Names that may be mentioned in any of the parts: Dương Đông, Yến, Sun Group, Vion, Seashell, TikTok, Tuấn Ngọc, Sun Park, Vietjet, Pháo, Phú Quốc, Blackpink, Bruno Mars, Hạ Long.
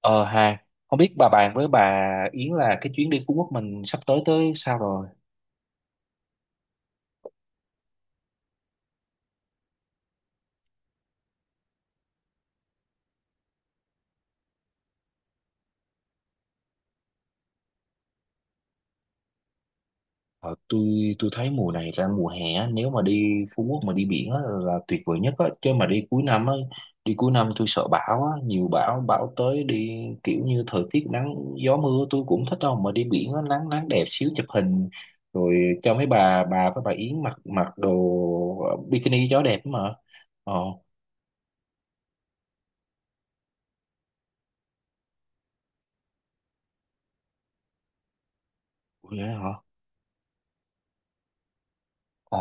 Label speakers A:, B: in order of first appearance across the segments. A: Ờ hà Không biết bà bạn với bà Yến là cái chuyến đi Phú Quốc mình sắp tới tới sao rồi? Ờ, tôi thấy mùa này ra mùa hè á, nếu mà đi Phú Quốc mà đi biển á là tuyệt vời nhất á, chứ mà đi cuối năm á, đi cuối năm tôi sợ bão á, nhiều bão, bão tới đi kiểu như thời tiết nắng gió mưa tôi cũng thích đâu, mà đi biển á nắng nắng đẹp xíu chụp hình rồi, cho mấy bà với bà Yến mặc mặc đồ bikini gió đẹp mà. Ờ, vậy hả? Ờ.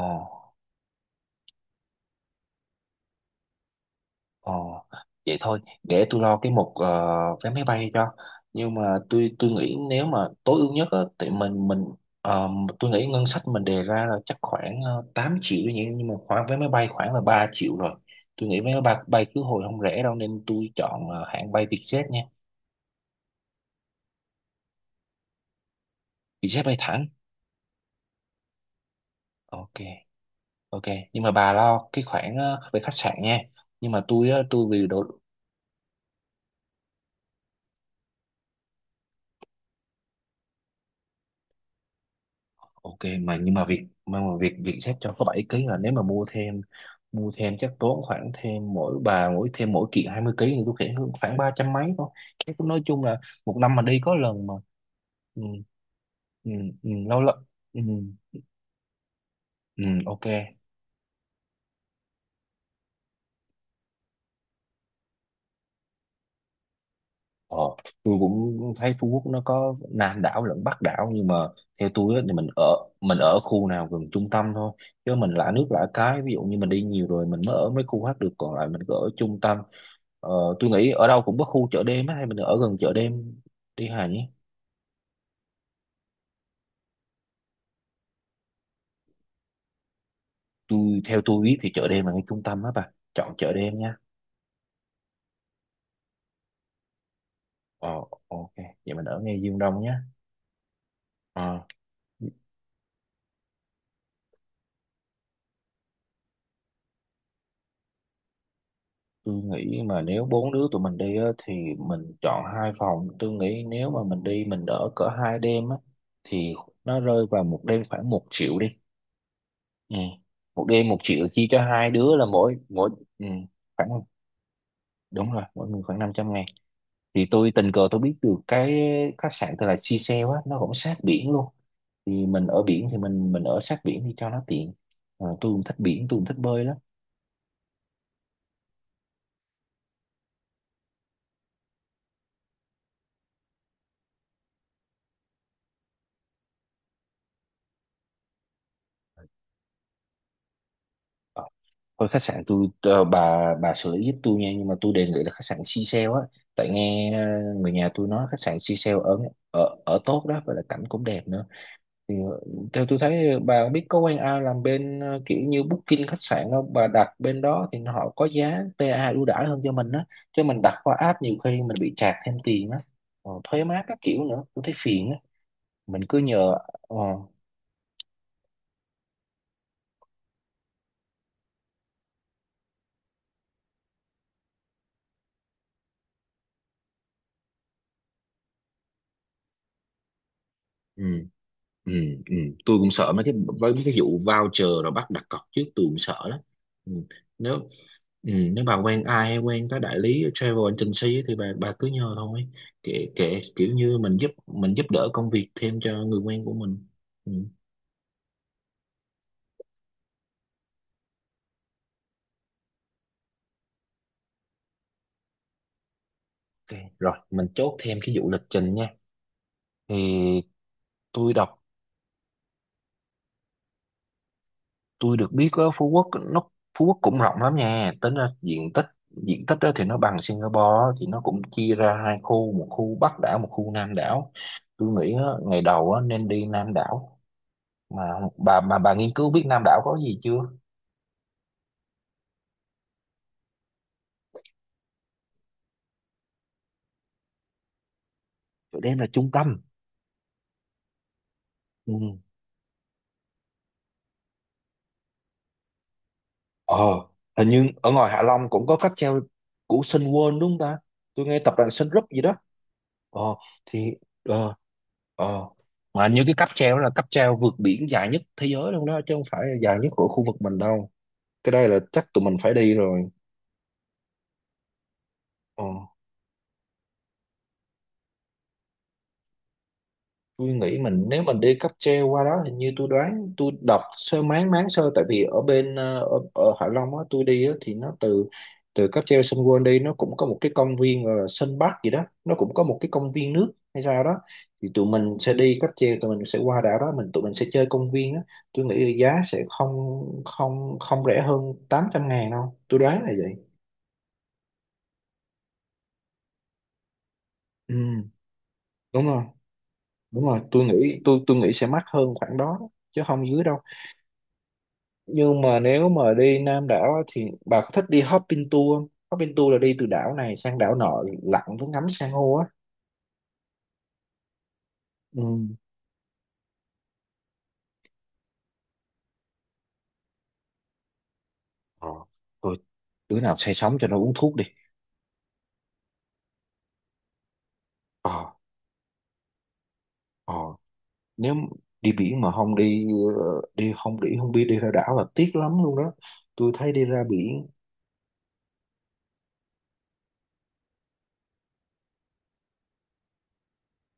A: Ồ, vậy thôi, để tôi lo cái mục vé máy bay cho. Nhưng mà tôi nghĩ nếu mà tối ưu nhất á, thì ờ, tôi nghĩ ngân sách mình đề ra là chắc khoảng 8 triệu nhỉ, nhưng mà khoảng vé máy bay khoảng là 3 triệu rồi. Tôi nghĩ vé máy bay, bay khứ hồi không rẻ đâu nên tôi chọn hãng bay Vietjet nha. Vietjet bay thẳng. Ok, ok. Nhưng mà bà lo cái khoản về khách sạn nha. Nhưng mà tôi á, tôi vì đồ, ok. Mà nhưng mà việc mà việc việc xếp cho có 7 ký, là nếu mà mua thêm chắc tốn khoảng thêm mỗi bà, mỗi thêm mỗi kiện 20 ký thì tôi nghĩ khoảng 300 mấy thôi. Thế cũng nói chung là một năm mà đi có lần mà. Ừ, ừ, ừ, lâu lắm. Ừ, ừ, ok. Ờ, tôi cũng thấy Phú Quốc nó có Nam đảo lẫn Bắc đảo, nhưng mà theo tôi á, thì mình ở khu nào gần trung tâm thôi, chứ mình lạ nước lạ cái, ví dụ như mình đi nhiều rồi mình mới ở mấy khu khác được, còn lại mình cứ ở trung tâm. ờ, tôi nghĩ ở đâu cũng có khu chợ đêm á, hay mình ở gần chợ đêm đi Hà nhé. Theo tôi biết thì chợ đêm là ngay trung tâm á, bà chọn chợ đêm nha. ờ ok, vậy mình ở ngay Dương Đông nhé. Ờ. Tôi nghĩ mà nếu bốn đứa tụi mình đi á, thì mình chọn hai phòng. Tôi nghĩ nếu mà mình đi mình ở cỡ hai đêm á, thì nó rơi vào một đêm khoảng 1 triệu đi. Ừ. Một đêm 1 triệu chia cho hai đứa là mỗi mỗi. Ừ. Khoảng, đúng rồi, mỗi người khoảng 500.000. Thì tôi tình cờ tôi biết được cái khách sạn tên là Seashell á, nó cũng sát biển luôn, thì mình ở biển thì mình ở sát biển đi cho nó tiện. Tôi cũng thích biển, tôi cũng thích bơi lắm. Thôi, khách sạn tôi bà xử lý giúp tôi nha, nhưng mà tôi đề nghị là khách sạn Seashell á, tại nghe người nhà tôi nói khách sạn Seashell ở ở ở tốt đó và là cảnh cũng đẹp nữa. Thì theo tôi thấy, bà biết có quen ai làm bên kiểu như booking khách sạn không, bà đặt bên đó thì họ có giá PA ưu đãi hơn cho mình á, chứ mình đặt qua app nhiều khi mình bị chạc thêm tiền á. Thuế má các kiểu nữa tôi thấy phiền á, mình cứ nhờ. ờ, ừ. Ừ, ừ. Tôi cũng sợ mấy cái, với mấy cái vụ voucher rồi bắt đặt cọc trước tôi cũng sợ lắm. Ừ. Nếu Nếu bà quen ai hay quen cái đại lý travel agency ấy, thì bà cứ nhờ thôi, kệ kệ kiểu như mình giúp đỡ công việc thêm cho người quen của mình. Ừ. Ok. Rồi mình chốt thêm cái vụ lịch trình nha. Thì tôi đọc tôi được biết á, Phú Quốc cũng rộng lắm nha, tính ra diện tích á thì nó bằng Singapore á, thì nó cũng chia ra hai khu, một khu Bắc đảo, một khu Nam đảo. Tôi nghĩ á, ngày đầu á nên đi Nam đảo. mà mà bà nghiên cứu biết Nam đảo có gì chưa? Chỗ đây là trung tâm. Ừ. Ờ, Hình như ở ngoài Hạ Long cũng có cáp treo của Sun World đúng không ta? Tôi nghe tập đoàn Sun Group gì đó. Ờ, thì ờ Ờ. Mà như cái cáp treo đó là cáp treo vượt biển dài nhất thế giới luôn đó, chứ không phải là dài nhất của khu vực mình đâu. Cái đây là chắc tụi mình phải đi rồi. Ờ. Tôi nghĩ mình nếu mình đi cáp treo qua đó, hình như tôi đoán, tôi đọc sơ máng máng sơ, tại vì ở bên ở Hạ Long á tôi đi á thì nó từ từ cáp treo Sun World đi, nó cũng có một cái công viên gọi là Sun Park gì đó, nó cũng có một cái công viên nước hay sao đó. Thì tụi mình sẽ đi cáp treo, tụi mình sẽ qua đảo đó, tụi mình sẽ chơi công viên á. Tôi nghĩ là giá sẽ không không không rẻ hơn 800.000 đâu, tôi đoán là vậy. Ừ, đúng rồi, đúng rồi. Tôi nghĩ sẽ mắc hơn khoảng đó, chứ không dưới đâu. Nhưng mà nếu mà đi Nam đảo á thì bà có thích đi hopping tour không? Hopping tour là đi từ đảo này sang đảo nọ, lặn với ngắm san hô á. Ừ. Ờ, Thôi đứa nào say sóng cho nó uống thuốc đi. Ờ, ờ, Nếu đi biển mà không đi ờ, đi không, đi không biết, đi ra đảo là tiếc lắm luôn đó. Tôi thấy đi ra biển.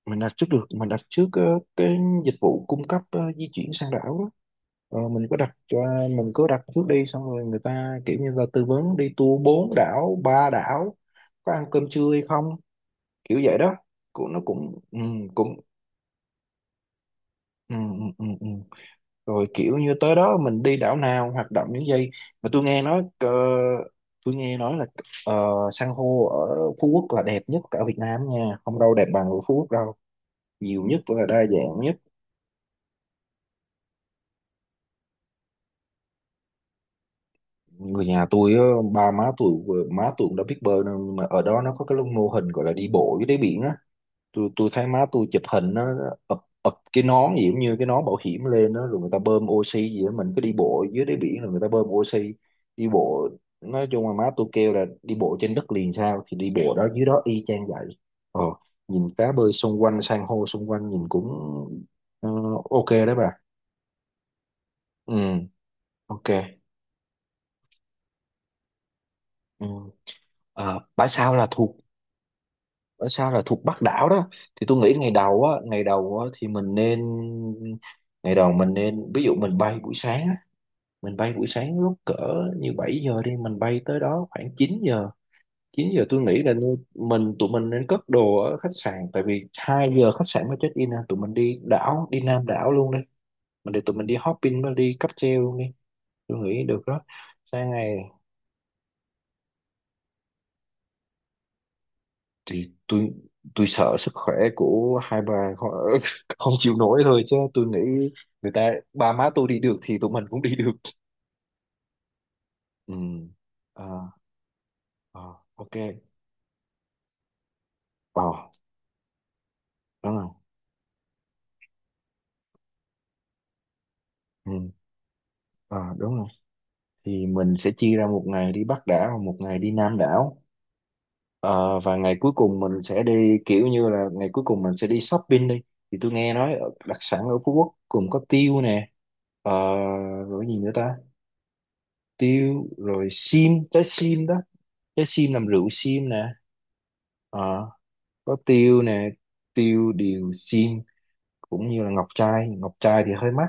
A: Mình đặt trước được, mình đặt trước cái dịch vụ cung cấp di chuyển sang đảo đó. Ờ, mình cứ đặt cho mình cứ đặt trước đi, xong rồi người ta kiểu như là tư vấn đi tour bốn đảo, ba đảo, có ăn cơm trưa hay không, kiểu vậy đó, cũng nó cũng ừ, ừ, ừ, ừ. Rồi kiểu như tới đó mình đi đảo nào, hoạt động những gì. Mà tôi nghe nói là san hô ở Phú Quốc là đẹp nhất cả Việt Nam nha, không đâu đẹp bằng ở Phú Quốc đâu, nhiều nhất và đa dạng nhất. Người nhà tôi á, ba má tôi, má tôi cũng đã biết bơi, nên mà ở đó nó có cái mô hình gọi là đi bộ dưới đáy biển á. Tôi thấy má tôi chụp hình nó ập ập cái nón gì cũng như cái nón bảo hiểm lên đó, rồi người ta bơm oxy gì đó, mình cứ đi bộ dưới đáy biển rồi người ta bơm oxy đi bộ. Nói chung là má tôi kêu là đi bộ trên đất liền sao thì đi bộ đó dưới đó y chang vậy. ờ Nhìn cá bơi xung quanh, san hô xung quanh, nhìn cũng ờ, ok đấy bà. Ừ. Ok. Ừ. Bãi sau là thuộc, ở sao là thuộc Bắc đảo đó. Thì tôi nghĩ ngày đầu á, thì mình nên ngày đầu mình nên, ví dụ mình bay buổi sáng á, mình bay buổi sáng lúc cỡ như 7 giờ đi, mình bay tới đó khoảng 9 giờ. 9 giờ tôi nghĩ là nu- mình tụi mình nên cất đồ ở khách sạn, tại vì 2 giờ khách sạn mới check in à. Tụi mình đi đảo, đi Nam đảo luôn đi, mình để tụi mình đi hopping, đi cáp treo luôn đi, tôi nghĩ được đó. Sang ngày thì tôi sợ sức khỏe của hai bà họ không chịu nổi thôi, chứ tôi nghĩ người ta ba má tôi đi được thì tụi mình cũng đi được. Ừ. À, à, ok. Ờ, đúng rồi. Ừ. À, đúng rồi, thì mình sẽ chia ra một ngày đi Bắc đảo, một ngày đi Nam đảo. Ờ, và ngày cuối cùng mình sẽ đi kiểu như là ngày cuối cùng mình sẽ đi shopping đi. Thì tôi nghe nói đặc sản ở Phú Quốc cũng có tiêu nè. Ờ, Rồi cái gì nữa ta? Tiêu rồi sim, trái sim đó, trái sim làm rượu sim nè. Ờ, có tiêu nè, tiêu điều sim, cũng như là ngọc trai. Ngọc trai thì hơi mắc,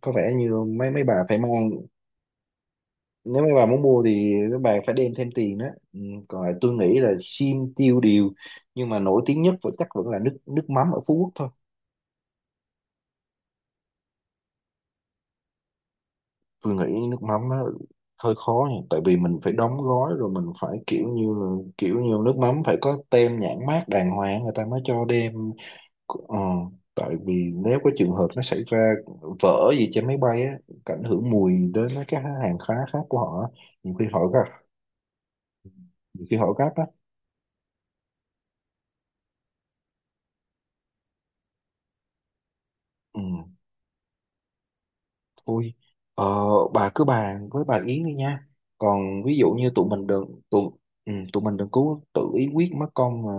A: có vẻ như mấy mấy bà phải mang, nếu mấy bà muốn mua thì mấy bà phải đem thêm tiền đó. Ừ, còn lại tôi nghĩ là sim tiêu điều, nhưng mà nổi tiếng nhất vẫn chắc vẫn là nước nước mắm ở Phú Quốc thôi. Tôi nghĩ nước mắm nó hơi khó nhỉ, tại vì mình phải đóng gói, rồi mình phải kiểu như nước mắm phải có tem nhãn mác đàng hoàng người ta mới cho đem. ờ, Tại vì nếu có trường hợp nó xảy ra vỡ gì trên máy bay á, ảnh hưởng mùi đến mấy cái hàng hóa khác của họ á, nhiều khi họ gặp, nhiều khi họ gấp á. Ừ. Ui, ờ, bà cứ bàn với bà Yến đi nha. Còn ví dụ như tụi mình đừng cố tự ý quyết mất con, mà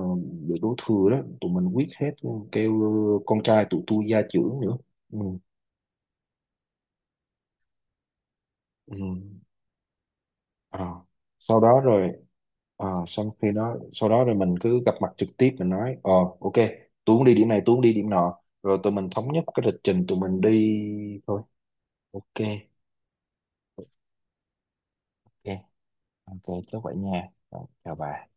A: bị đổ thừa đó, tụi mình quyết hết. Ừ, kêu con trai tụi tôi gia trưởng nữa. Ừ, ừ. Ờ. Sau đó rồi ờ, Xong khi đó sau đó rồi mình cứ gặp mặt trực tiếp mình nói. Ờ ok, tôi muốn đi điểm này, tôi muốn đi điểm nọ, rồi tụi mình thống nhất cái lịch trình tụi mình đi thôi. Ok, ok, ok, chắc vậy nha. Rồi, chào bà.